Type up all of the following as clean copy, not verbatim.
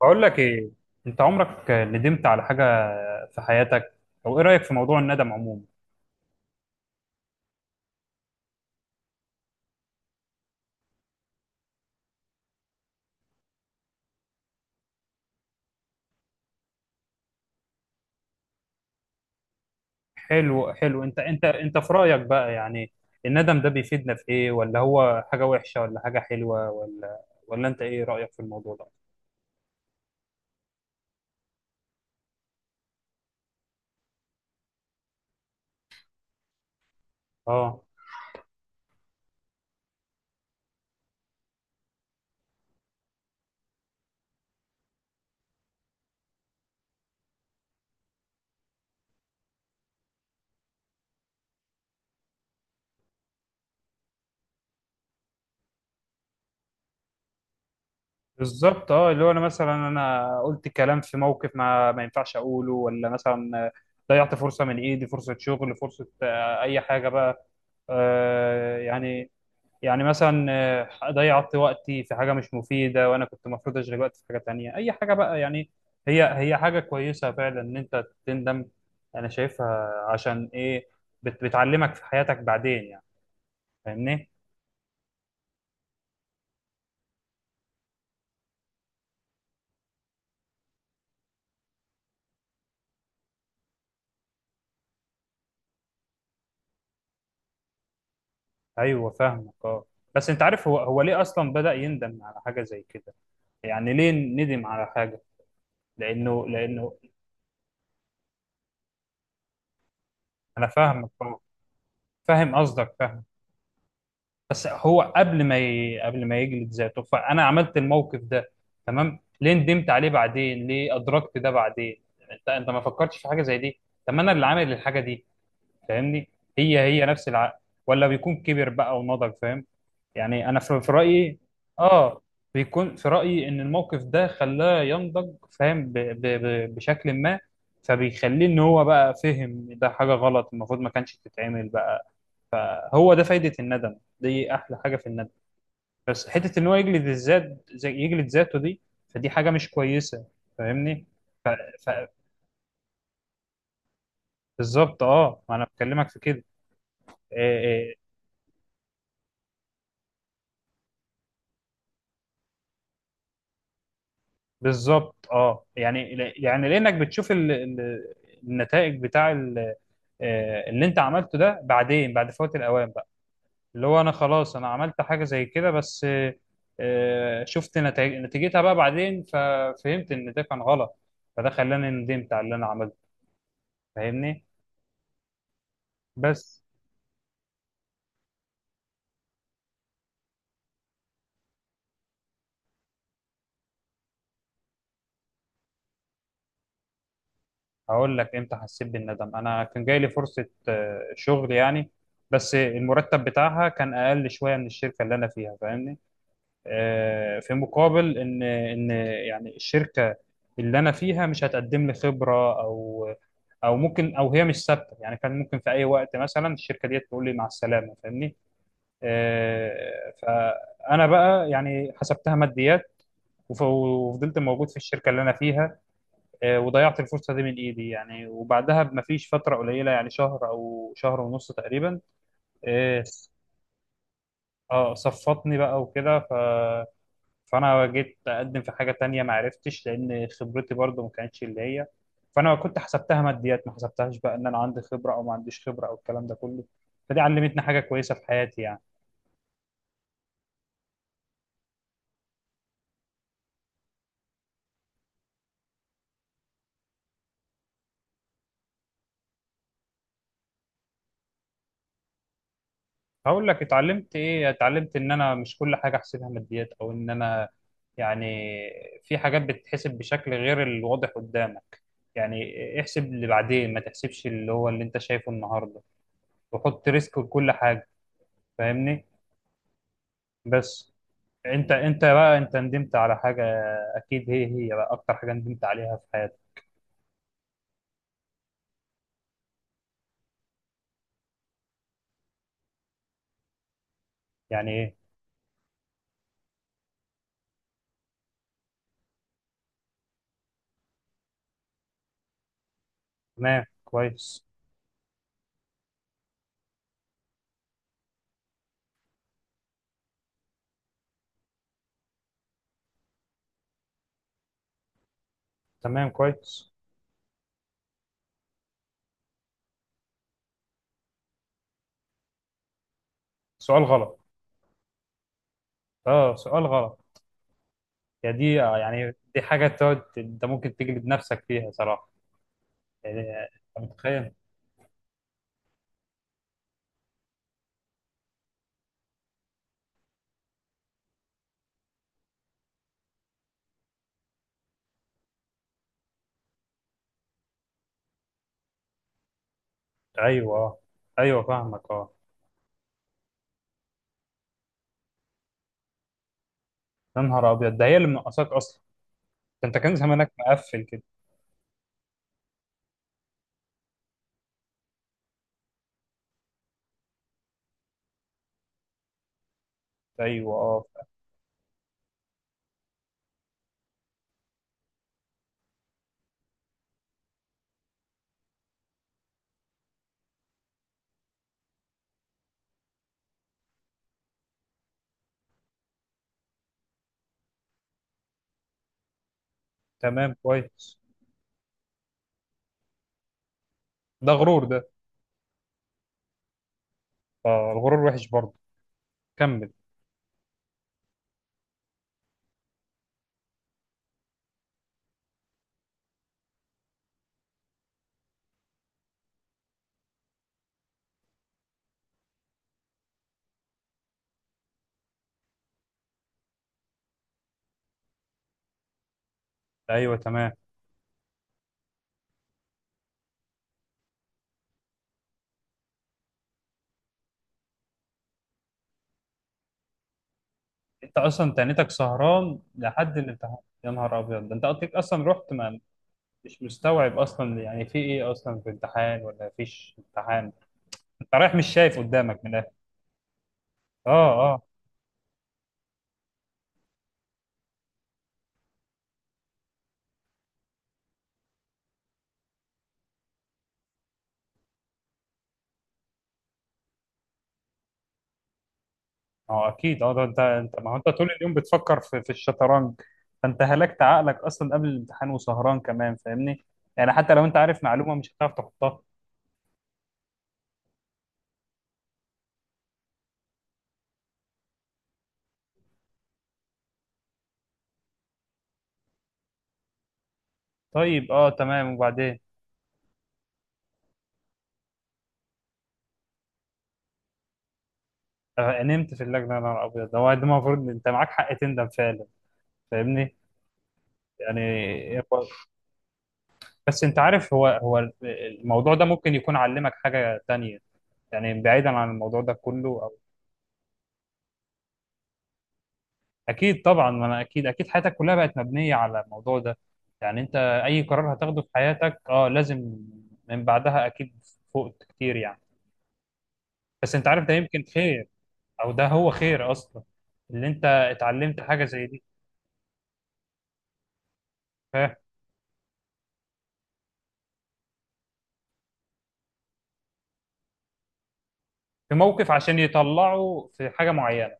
بقول لك ايه، انت عمرك ندمت على حاجه في حياتك؟ او ايه رايك في موضوع الندم عموما؟ حلو حلو. انت في رايك بقى، يعني الندم ده بيفيدنا في ايه؟ ولا هو حاجه وحشه ولا حاجه حلوه ولا انت ايه رايك في الموضوع ده؟ اه. بالظبط، اه. اللي هو انا مثلا انا قلت كلام في موقف ما ما ينفعش اقوله، ولا مثلا ضيعت فرصه من ايدي، فرصه شغل، فرصه اي حاجه بقى، يعني. يعني مثلا ضيعت وقتي في حاجة مش مفيدة، وأنا كنت المفروض أشغل وقتي في حاجة تانية، أي حاجة بقى، يعني. هي هي حاجة كويسة فعلا إن أنت تندم. أنا شايفها، عشان إيه؟ بتعلمك في حياتك بعدين، يعني. فاهمني؟ أيوه فاهمك، أه. بس أنت عارف، هو هو ليه أصلا بدأ يندم على حاجة زي كده؟ يعني ليه ندم على حاجة؟ لأنه. أنا فاهمك، أه. فاهم قصدك، فاهم. بس هو قبل ما يجلد ذاته، فانا عملت الموقف ده، تمام؟ ليه ندمت عليه بعدين؟ ليه ادركت ده بعدين؟ انت ما فكرتش في حاجه زي دي؟ طب ما انا اللي عامل الحاجه دي، فاهمني؟ هي هي نفس العقل، ولا بيكون كبر بقى ونضج؟ فاهم يعني، انا في رايي. اه. بيكون في رايي ان الموقف ده خلاه ينضج، فاهم، بشكل ما، فبيخليه ان هو بقى فهم ده حاجه غلط، المفروض ما كانش تتعمل بقى. هو ده فايده الندم دي، احلى حاجه في الندم. بس حته ان هو يجلد الذات، زي يجلد ذاته دي، فدي حاجه مش كويسه، فاهمني؟ ف... بالظبط، اه. ما انا بكلمك في كده. آه، آه، بالظبط، اه، يعني لانك بتشوف النتائج بتاع ال... آه، اللي انت عملته ده بعدين، بعد فوات الاوان بقى، اللي هو انا خلاص، انا عملت حاجه زي كده، بس شفت نتائج، نتيجتها بقى بعدين، ففهمت ان ده كان غلط، فده خلاني ندمت على اللي انا عملته، فاهمني. بس هقول لك امتى حسيت بالندم. انا كان جاي لي فرصه شغل يعني، بس المرتب بتاعها كان اقل شويه من الشركه اللي انا فيها، فاهمني؟ في مقابل ان يعني الشركه اللي انا فيها مش هتقدم لي خبره، او او ممكن، او هي مش ثابته يعني، كان ممكن في اي وقت مثلا الشركه دي تقول لي مع السلامه، فاهمني؟ فانا بقى يعني حسبتها ماديات، وفضلت موجود في الشركه اللي انا فيها. وضيعت الفرصة دي من إيدي يعني، وبعدها بمفيش فترة قليلة، يعني شهر أو شهر ونص تقريبا. آه صفطني بقى وكده، فأنا جيت أقدم في حاجة تانية، ما عرفتش، لأن خبرتي برضو ما كانتش اللي هي. فأنا كنت حسبتها ماديات، ما حسبتهاش بقى إن أنا عندي خبرة أو ما عنديش خبرة أو الكلام ده كله. فدي علمتني حاجة كويسة في حياتي، يعني. هقول لك اتعلمت ايه. اتعلمت ان انا مش كل حاجه احسبها ماديات، او ان انا يعني في حاجات بتتحسب بشكل غير الواضح قدامك، يعني احسب اللي بعدين، ما تحسبش اللي هو اللي انت شايفه النهارده، وحط ريسك لكل حاجه، فاهمني. بس انت بقى، انت ندمت على حاجه، اكيد. هي هي بقى اكتر حاجه ندمت عليها في حياتك؟ يعني ايه؟ تمام كويس. تمام كويس. سؤال غلط. اه، سؤال غلط. يعني دي يعني دي حاجة تقعد انت ممكن تجلد نفسك فيها صراحة، يعني انت متخيل؟ ايوه، اه. ايوه فاهمك، اه. يا نهار ابيض، ده هي اللي منقصاك اصلا. ده انت كان زمانك مقفل كده. ايوه، اه. تمام كويس. ده غرور ده. اه، الغرور وحش برضه، كمل. ايوه تمام. انت اصلا تانيتك سهران لحد الامتحان؟ يا نهار ابيض، ده انت قلتلك اصلا رحت ما... مش مستوعب اصلا يعني، في ايه اصلا، في امتحان ولا فيش امتحان؟ انت رايح مش شايف قدامك من الاخر. اه. اه اكيد، اه. ده انت، انت ما هو انت طول اليوم بتفكر في الشطرنج، فانت هلكت عقلك اصلا قبل الامتحان، وسهران كمان، فاهمني. يعني حتى لو انت عارف معلومه، مش هتعرف تحطها. طيب، اه، تمام، وبعدين؟ نمت في اللجنه؟ يا نهار ابيض، ده هو ده المفروض إن انت معاك حق تندم فعلا، فاهمني. يعني. هو- بس انت عارف، هو هو الموضوع ده ممكن يكون علمك حاجه تانية، يعني بعيدا عن الموضوع ده كله. اكيد طبعا، ما انا اكيد اكيد حياتك كلها بقت مبنيه على الموضوع ده، يعني انت اي قرار هتاخده في حياتك، اه لازم من بعدها اكيد، فوقت كتير يعني. بس انت عارف ده يمكن خير، او ده هو خير اصلا، اللي انت اتعلمت حاجه زي دي. ف- في موقف عشان يطلعه في حاجه معينه.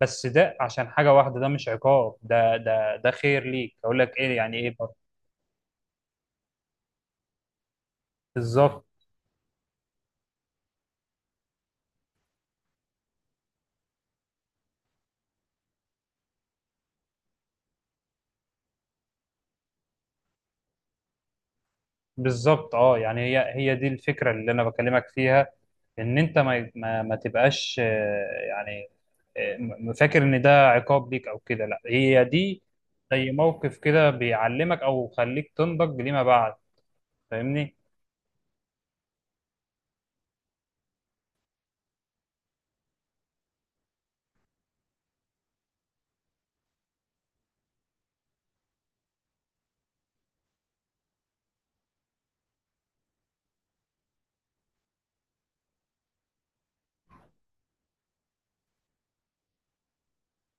بس ده عشان حاجه واحده، ده مش عقاب، ده خير ليك، اقول لك ايه يعني، ايه برضه. بالظبط. بالظبط، اه يعني، هي هي دي الفكره اللي انا بكلمك فيها، ان انت ما تبقاش يعني فاكر ان ده عقاب ليك او كده، لا هي دي زي موقف كده بيعلمك، او خليك تنضج لما بعد، فاهمني.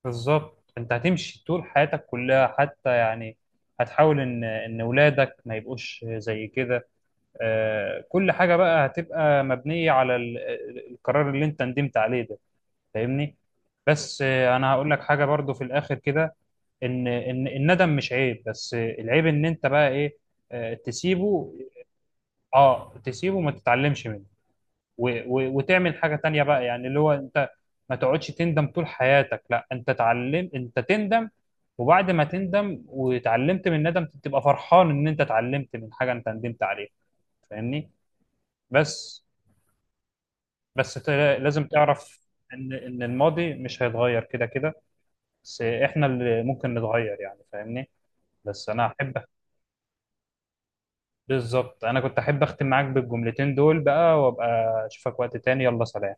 بالظبط، انت هتمشي طول حياتك كلها حتى يعني، هتحاول ان ولادك ما يبقوش زي كده. كل حاجه بقى هتبقى مبنيه على القرار اللي انت ندمت عليه ده، فاهمني. بس انا هقول لك حاجه برضو في الاخر كده، ان الندم مش عيب، بس العيب ان انت بقى ايه؟ تسيبه. اه، تسيبه وما تتعلمش منه، و و وتعمل حاجه تانية بقى، يعني اللي هو انت ما تقعدش تندم طول حياتك، لا، انت تعلم، انت تندم، وبعد ما تندم وتعلمت من الندم تبقى فرحان ان انت اتعلمت من حاجه انت ندمت عليها، فاهمني. بس بس لازم تعرف ان ان الماضي مش هيتغير كده كده، بس احنا اللي ممكن نتغير يعني، فاهمني. بس انا احب. بالظبط. انا كنت احب اختم معاك بالجملتين دول بقى، وابقى اشوفك وقت تاني، يلا سلام.